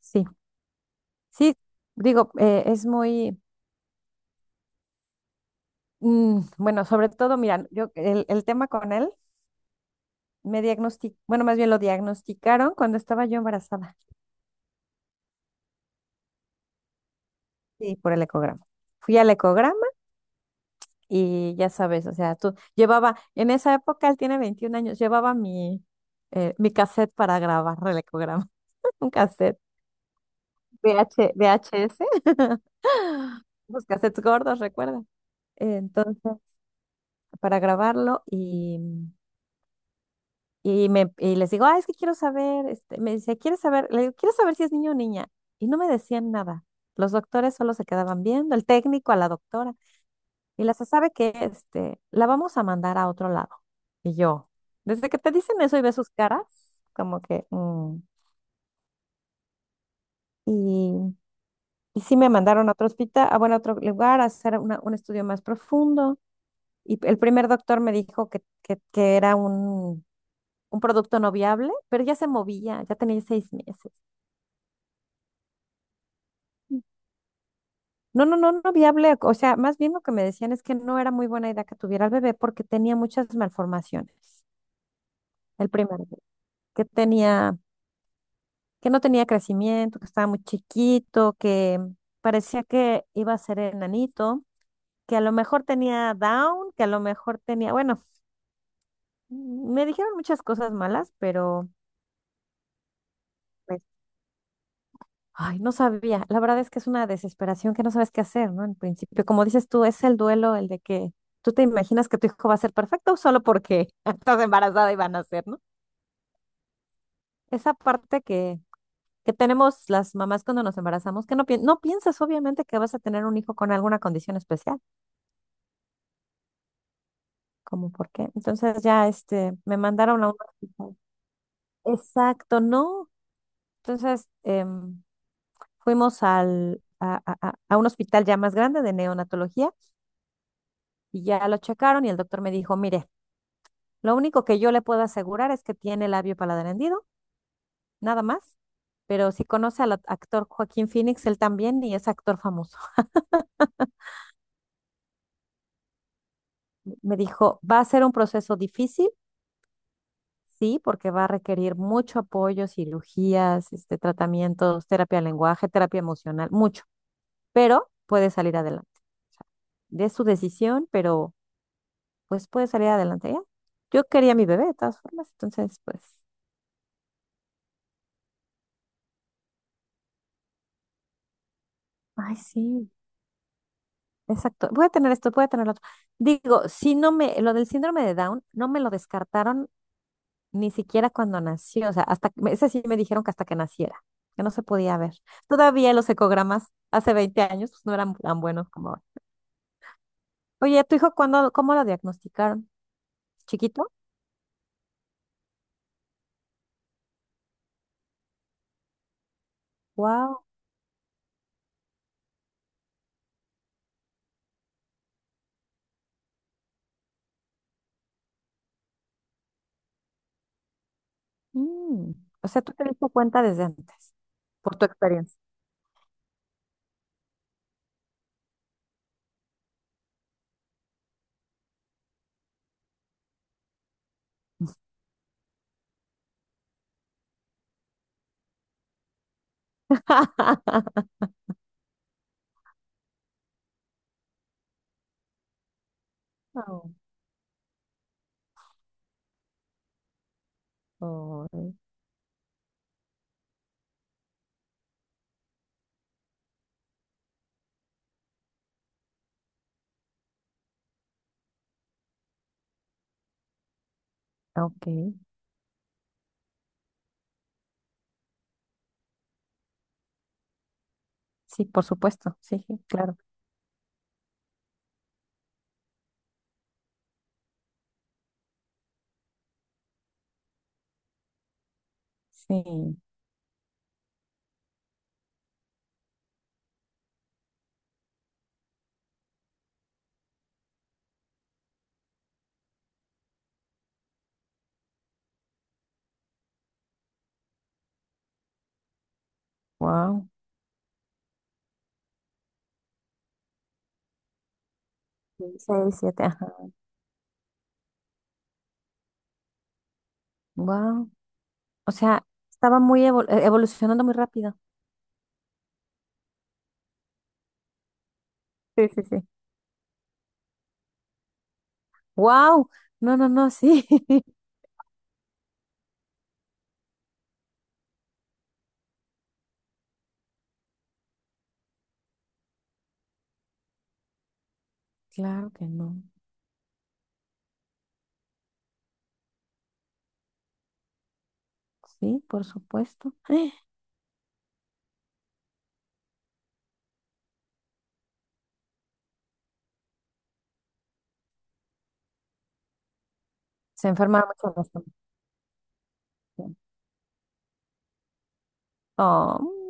Sí, sí, digo, es muy, bueno, sobre todo, mira, yo el tema con él me diagnosticaron, bueno, más bien lo diagnosticaron cuando estaba yo embarazada, sí, por el ecograma. Fui al ecograma y ya sabes, o sea, tú llevaba, en esa época él tiene 21 años, llevaba mi cassette para grabar el ecograma, un cassette VH, VHS, los cassettes gordos, recuerda. Entonces, para grabarlo y les digo, ah, es que quiero saber, este, me dice, ¿quieres saber? Le digo, quiero saber si es niño o niña. Y no me decían nada. Los doctores solo se quedaban viendo, el técnico a la doctora. Y la sabe que este, la vamos a mandar a otro lado. Y yo, desde que te dicen eso y ves sus caras, como que. Y, y sí me mandaron a otro hospital, a, bueno, a otro lugar, a hacer un estudio más profundo. Y el primer doctor me dijo que era un producto no viable, pero ya se movía, ya tenía 6 meses. No, no, no, no viable. O sea, más bien lo que me decían es que no era muy buena idea que tuviera el bebé porque tenía muchas malformaciones. El primer bebé, que tenía, que no tenía crecimiento, que estaba muy chiquito, que parecía que iba a ser enanito, que a lo mejor tenía Down, que a lo mejor tenía, bueno, me dijeron muchas cosas malas, pero pues, ay, no sabía. La verdad es que es una desesperación que no sabes qué hacer, ¿no? En principio, como dices tú, es el duelo el de que tú te imaginas que tu hijo va a ser perfecto solo porque estás embarazada y van a ser, ¿no? Esa parte que tenemos las mamás cuando nos embarazamos, que no, no piensas obviamente que vas a tener un hijo con alguna condición especial, como por qué. Entonces ya este, me mandaron a un hospital. Exacto, ¿no? Entonces fuimos al, a un hospital ya más grande de neonatología. Y ya lo checaron y el doctor me dijo, mire, lo único que yo le puedo asegurar es que tiene labio paladar hendido, nada más. Pero si conoce al actor Joaquín Phoenix, él también y es actor famoso. Me dijo, va a ser un proceso difícil, sí, porque va a requerir mucho apoyo, cirugías, este, tratamientos, terapia de lenguaje, terapia emocional, mucho, pero puede salir adelante. O sea, de su decisión, pero pues puede salir adelante ya. Yo quería a mi bebé de todas formas, entonces pues, ay, sí. Exacto, voy a tener esto, voy a tener lo otro. Digo, si no me, lo del síndrome de Down, no me lo descartaron ni siquiera cuando nací, o sea, hasta, ese sí me dijeron que hasta que naciera, que no se podía ver. Todavía los ecogramas hace 20 años pues, no eran tan buenos como ahora. Oye, ¿tu hijo cuándo, cómo lo diagnosticaron? ¿Chiquito? Wow. Mm. O sea, tú te diste cuenta desde antes, por tu experiencia. Oh, oh, ok, sí, por supuesto, sí, sí, claro, sí, wow. Seis, siete, ajá. Wow. O sea, estaba muy evolucionando muy rápido. Sí, sí, sí. Wow. No, no, no, sí. Claro que no. Sí, por supuesto. Se enferma mucho la estómago. Oh. Mm.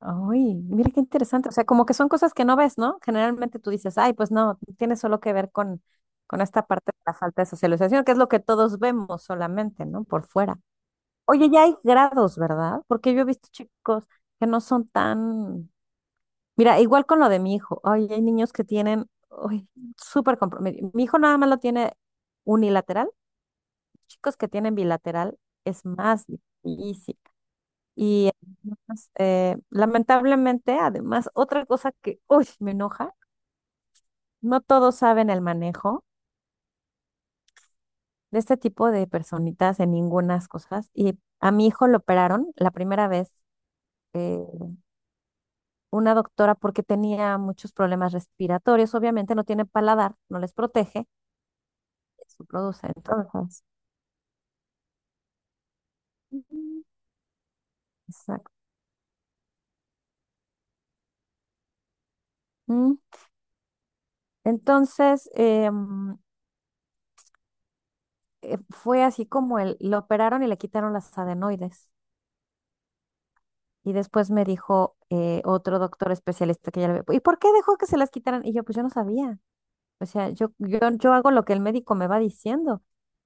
Ay, mira qué interesante. O sea, como que son cosas que no ves, ¿no? Generalmente tú dices, ay, pues no, tiene solo que ver con esta parte de la falta de socialización, que es lo que todos vemos solamente, ¿no? Por fuera. Oye, ya hay grados, ¿verdad? Porque yo he visto chicos que no son tan... Mira, igual con lo de mi hijo. Ay, hay niños que tienen ay, súper comprometido. Mi hijo nada más lo tiene unilateral. Chicos que tienen bilateral es más difícil. Y además, lamentablemente, además, otra cosa que, uy, me enoja, no todos saben el manejo de este tipo de personitas en ningunas cosas. Y a mi hijo lo operaron la primera vez. eh, una doctora porque tenía muchos problemas respiratorios, obviamente no tiene paladar, no les protege, eso produce. Entonces, Mm. Exacto. Mm. Entonces, fue así como él, lo operaron y le quitaron las adenoides. Y después me dijo otro doctor especialista que ya le había... ¿Y por qué dejó que se las quitaran? Y yo, pues yo no sabía. O sea, yo hago lo que el médico me va diciendo.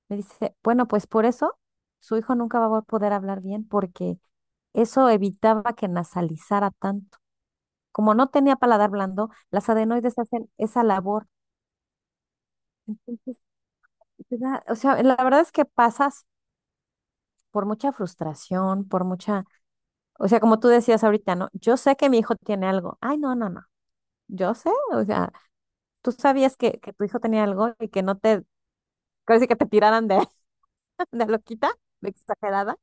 Me dice, bueno, pues por eso su hijo nunca va a poder hablar bien porque eso evitaba que nasalizara tanto. Como no tenía paladar blando, las adenoides hacen esa labor. Entonces, te o sea, la verdad es que pasas por mucha frustración, por mucha, o sea, como tú decías ahorita, ¿no? Yo sé que mi hijo tiene algo. Ay, no, no, no. Yo sé, o sea, tú sabías que tu hijo tenía algo y que no te, casi que te tiraran de, de loquita, de exagerada.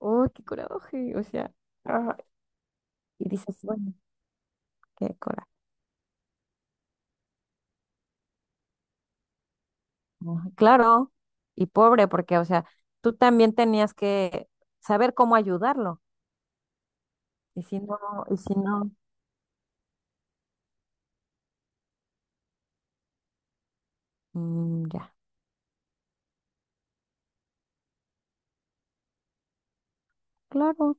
Oh, qué coraje. O sea, ah, y dices, bueno, qué coraje. Ajá, claro, y pobre, porque, o sea, tú también tenías que saber cómo ayudarlo. Y si no, y si no, ya, claro.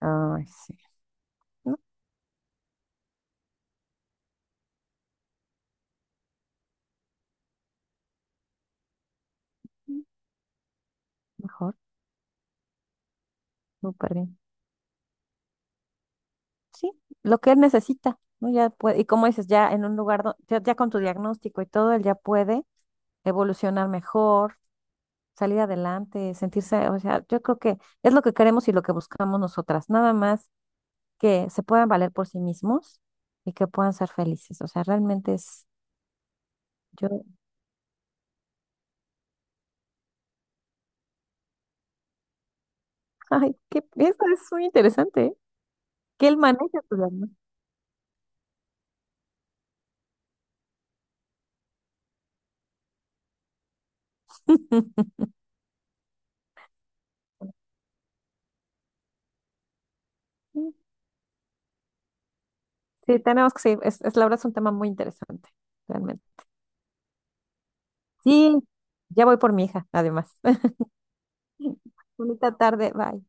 Ay, sí. No, mm, mejor, súper bien. Sí, lo que él necesita, ¿no? Ya puede, y como dices, ya en un lugar, ya con tu diagnóstico y todo, él ya puede evolucionar mejor, salir adelante, sentirse, o sea, yo creo que es lo que queremos y lo que buscamos nosotras, nada más que se puedan valer por sí mismos y que puedan ser felices. O sea, realmente es, yo, ay, que eso es muy interesante, ¿eh? Que él maneja tu alma. Sí, tenemos que seguir, es la verdad es un tema muy interesante, realmente. Sí, ya voy por mi hija, además. Bonita tarde, bye.